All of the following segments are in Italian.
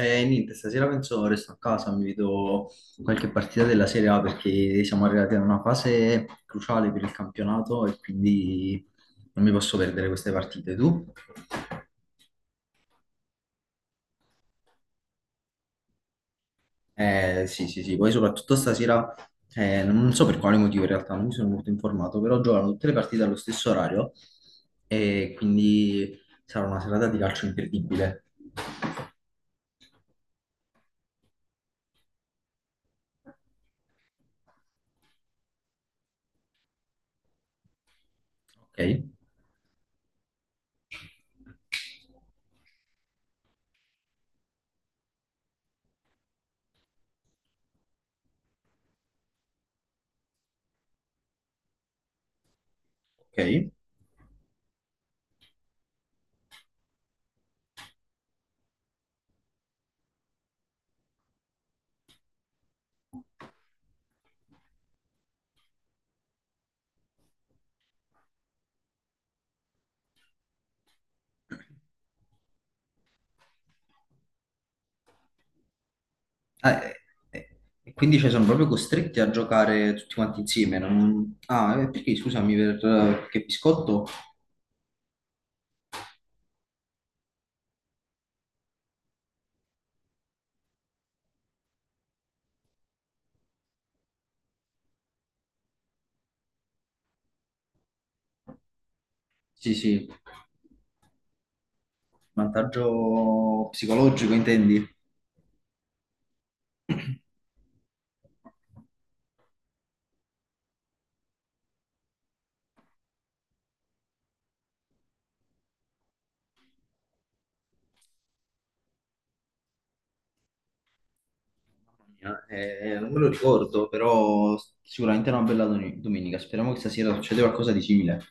Niente, stasera penso resto a casa, mi vedo qualche partita della Serie A perché siamo arrivati a una fase cruciale per il campionato e quindi non mi posso perdere queste partite. Tu? Sì, sì, sì, poi soprattutto stasera, non so per quale motivo in realtà, non mi sono molto informato, però giocano tutte le partite allo stesso orario e quindi sarà una serata di calcio imperdibile. Ok? Ok? Ah, e- e quindi, cioè, sono proprio costretti a giocare tutti quanti insieme. Ah, perché scusami, perché biscotto? Sì, sì, vantaggio psicologico intendi? Non me lo ricordo, però sicuramente è una bella domenica. Speriamo che stasera succeda qualcosa di simile.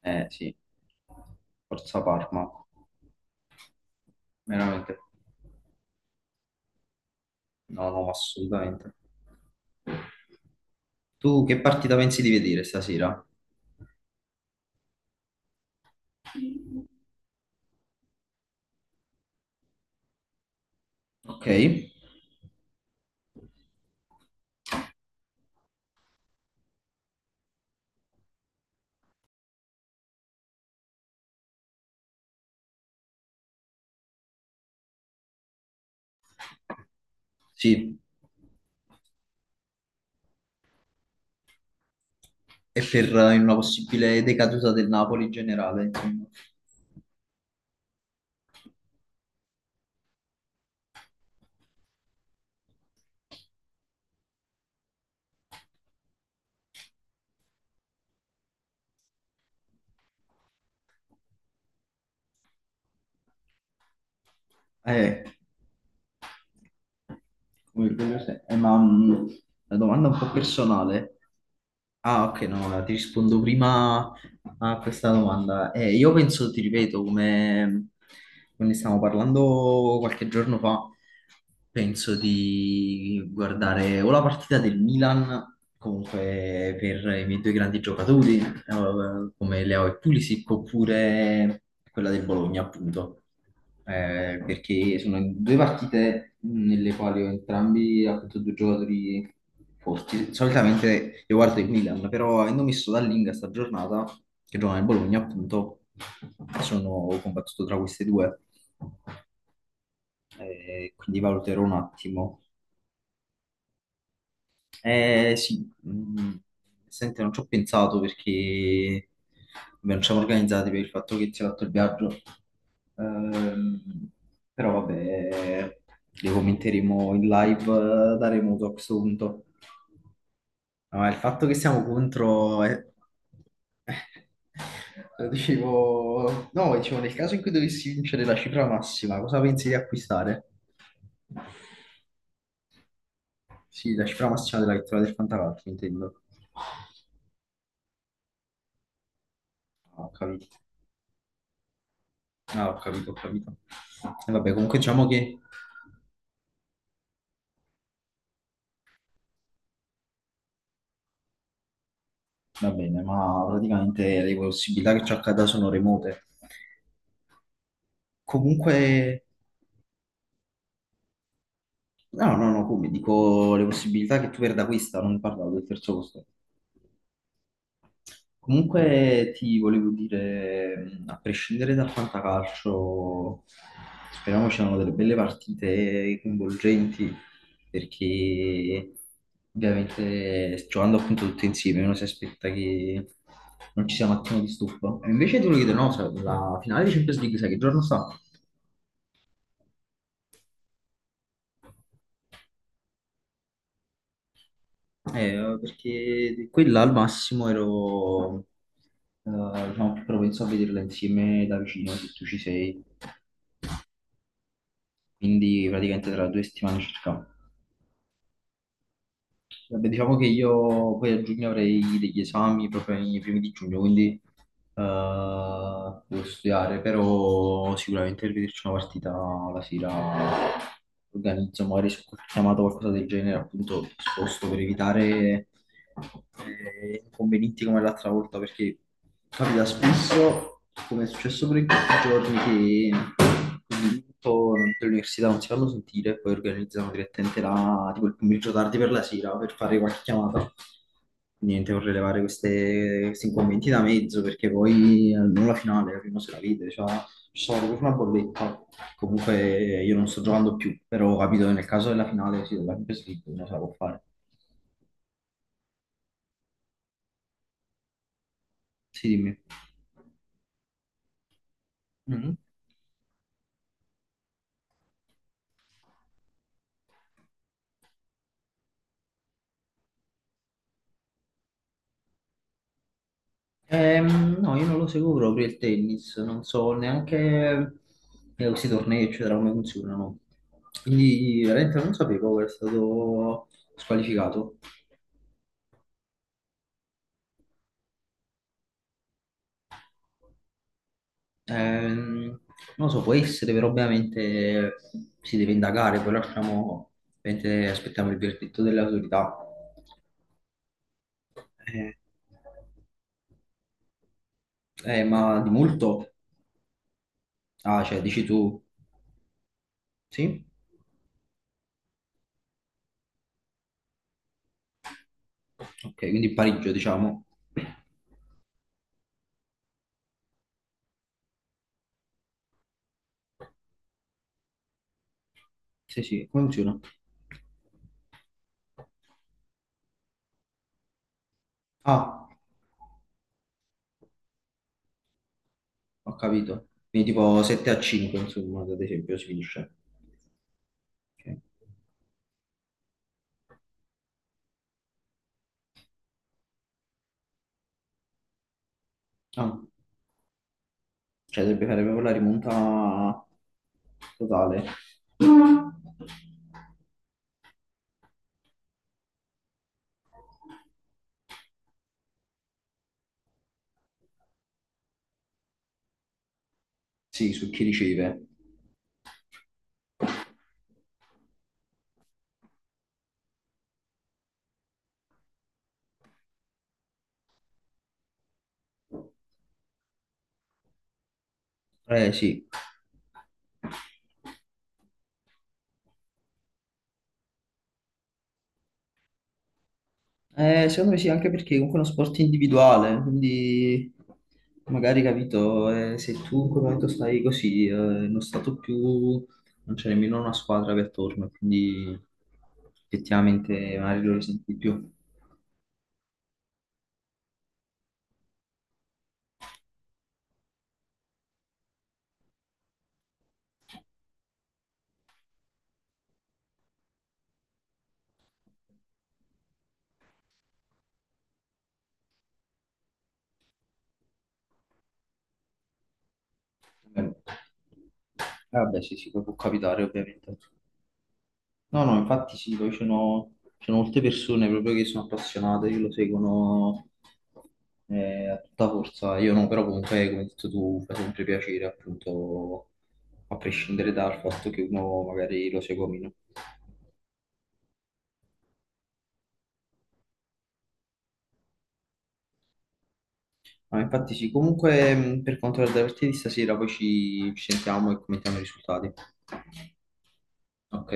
Eh sì, forza Parma, veramente. No, no, assolutamente. Tu che partita pensi di vedere stasera? Ok, sì. E per in una possibile decaduta del Napoli in generale, insomma. Eh, Come quello ma la domanda è un po' personale. Ah, ok, no, allora ti rispondo prima a questa domanda. Io penso, ti ripeto, come ne stavamo parlando qualche giorno fa, penso di guardare o la partita del Milan, comunque per i miei due grandi giocatori, come Leao e Pulisic, oppure quella del Bologna, appunto, perché sono due partite nelle quali ho entrambi appunto due giocatori forti. Solitamente io guardo il Milan, però avendo messo Dallinga sta giornata, che gioca nel Bologna appunto, sono combattuto tra queste due. Quindi valuterò un attimo. Eh sì. Senti, non ci ho pensato perché vabbè, non ci siamo organizzati per il fatto che si è fatto il viaggio. Ehm, Però vabbè, le commenteremo in live, da remoto a questo punto. No, il fatto che siamo contro... Lo dicevo, no, dicevo, nel caso in cui dovessi vincere la cifra massima, cosa pensi di acquistare? Sì, la cifra massima della vittoria del Fantacalcio, intendo. Ho capito. Ah, ho capito, ho capito. E vabbè, comunque diciamo che va bene, ma praticamente le possibilità che ci accada sono remote. Comunque, no, no, no, come dico, le possibilità che tu perda questa, non parlavo del terzo posto. Comunque ti volevo dire, a prescindere dal fantacalcio, speriamo ci siano delle belle partite coinvolgenti, perché ovviamente giocando appunto tutti insieme uno si aspetta che non ci sia un attimo di stop. E invece ti volevo chiedere, no, sai, la finale di Champions League, sai che giorno sta? Perché quella al massimo ero, diciamo, più propenso a vederla insieme da vicino, se tu ci sei. Quindi praticamente tra due settimane circa. Vabbè, diciamo che io poi a giugno avrei degli esami proprio nei primi di giugno, quindi devo studiare, però sicuramente per vederci una partita la sera organizzo magari su qualche chiamata o qualcosa del genere, appunto sposto per evitare inconvenienti come l'altra volta, perché capita spesso, come è successo per in questi giorni, che quindi tutto dell'università non si fanno sentire, e poi organizzano direttamente la, tipo il pomeriggio tardi per la sera per fare qualche chiamata. Niente, vorrei levare questi inconvenienti da mezzo perché poi almeno la finale, la prima se la vede, cioè, ci sono proprio una bolletta. Comunque io non sto giocando più, però ho capito che nel caso della finale, sì, della Champions League, non se la può fare. Sì, dimmi. Mhm. No, io non lo seguo proprio il tennis, non so neanche questi tornei, eccetera, come funzionano. Quindi veramente non sapevo che era stato squalificato. Ehm, Non lo so, può essere, però ovviamente si deve indagare, poi lasciamo, ovviamente aspettiamo il verdetto delle autorità. Eh, ma di molto? Ah, cioè, dici tu, sì? Ok, quindi pareggio, diciamo. Sì, sì, come funziona? Ah. Ho capito. Quindi tipo 7-5, insomma, ad esempio, si finisce. Ok. Ah, cioè dovrebbe fare proprio la rimonta totale. Sì, su chi riceve. Eh sì. Secondo me sì, anche perché comunque è uno sport individuale, quindi magari capito, se tu in quel momento stai così, in uno stato più, non c'è nemmeno una squadra che è attorno, quindi effettivamente magari lo risenti di più. Eh, vabbè, sì, sì, può capitare ovviamente. No, no, infatti sì, poi ci sono, molte persone proprio che sono appassionate, che lo seguono a tutta forza. Io no, però comunque, come hai detto tu, fa sempre piacere, appunto, a prescindere dal fatto che uno magari lo segua o meno. Ma infatti sì, comunque per quanto riguarda la partita di stasera, poi ci sentiamo e commentiamo i risultati. Ok.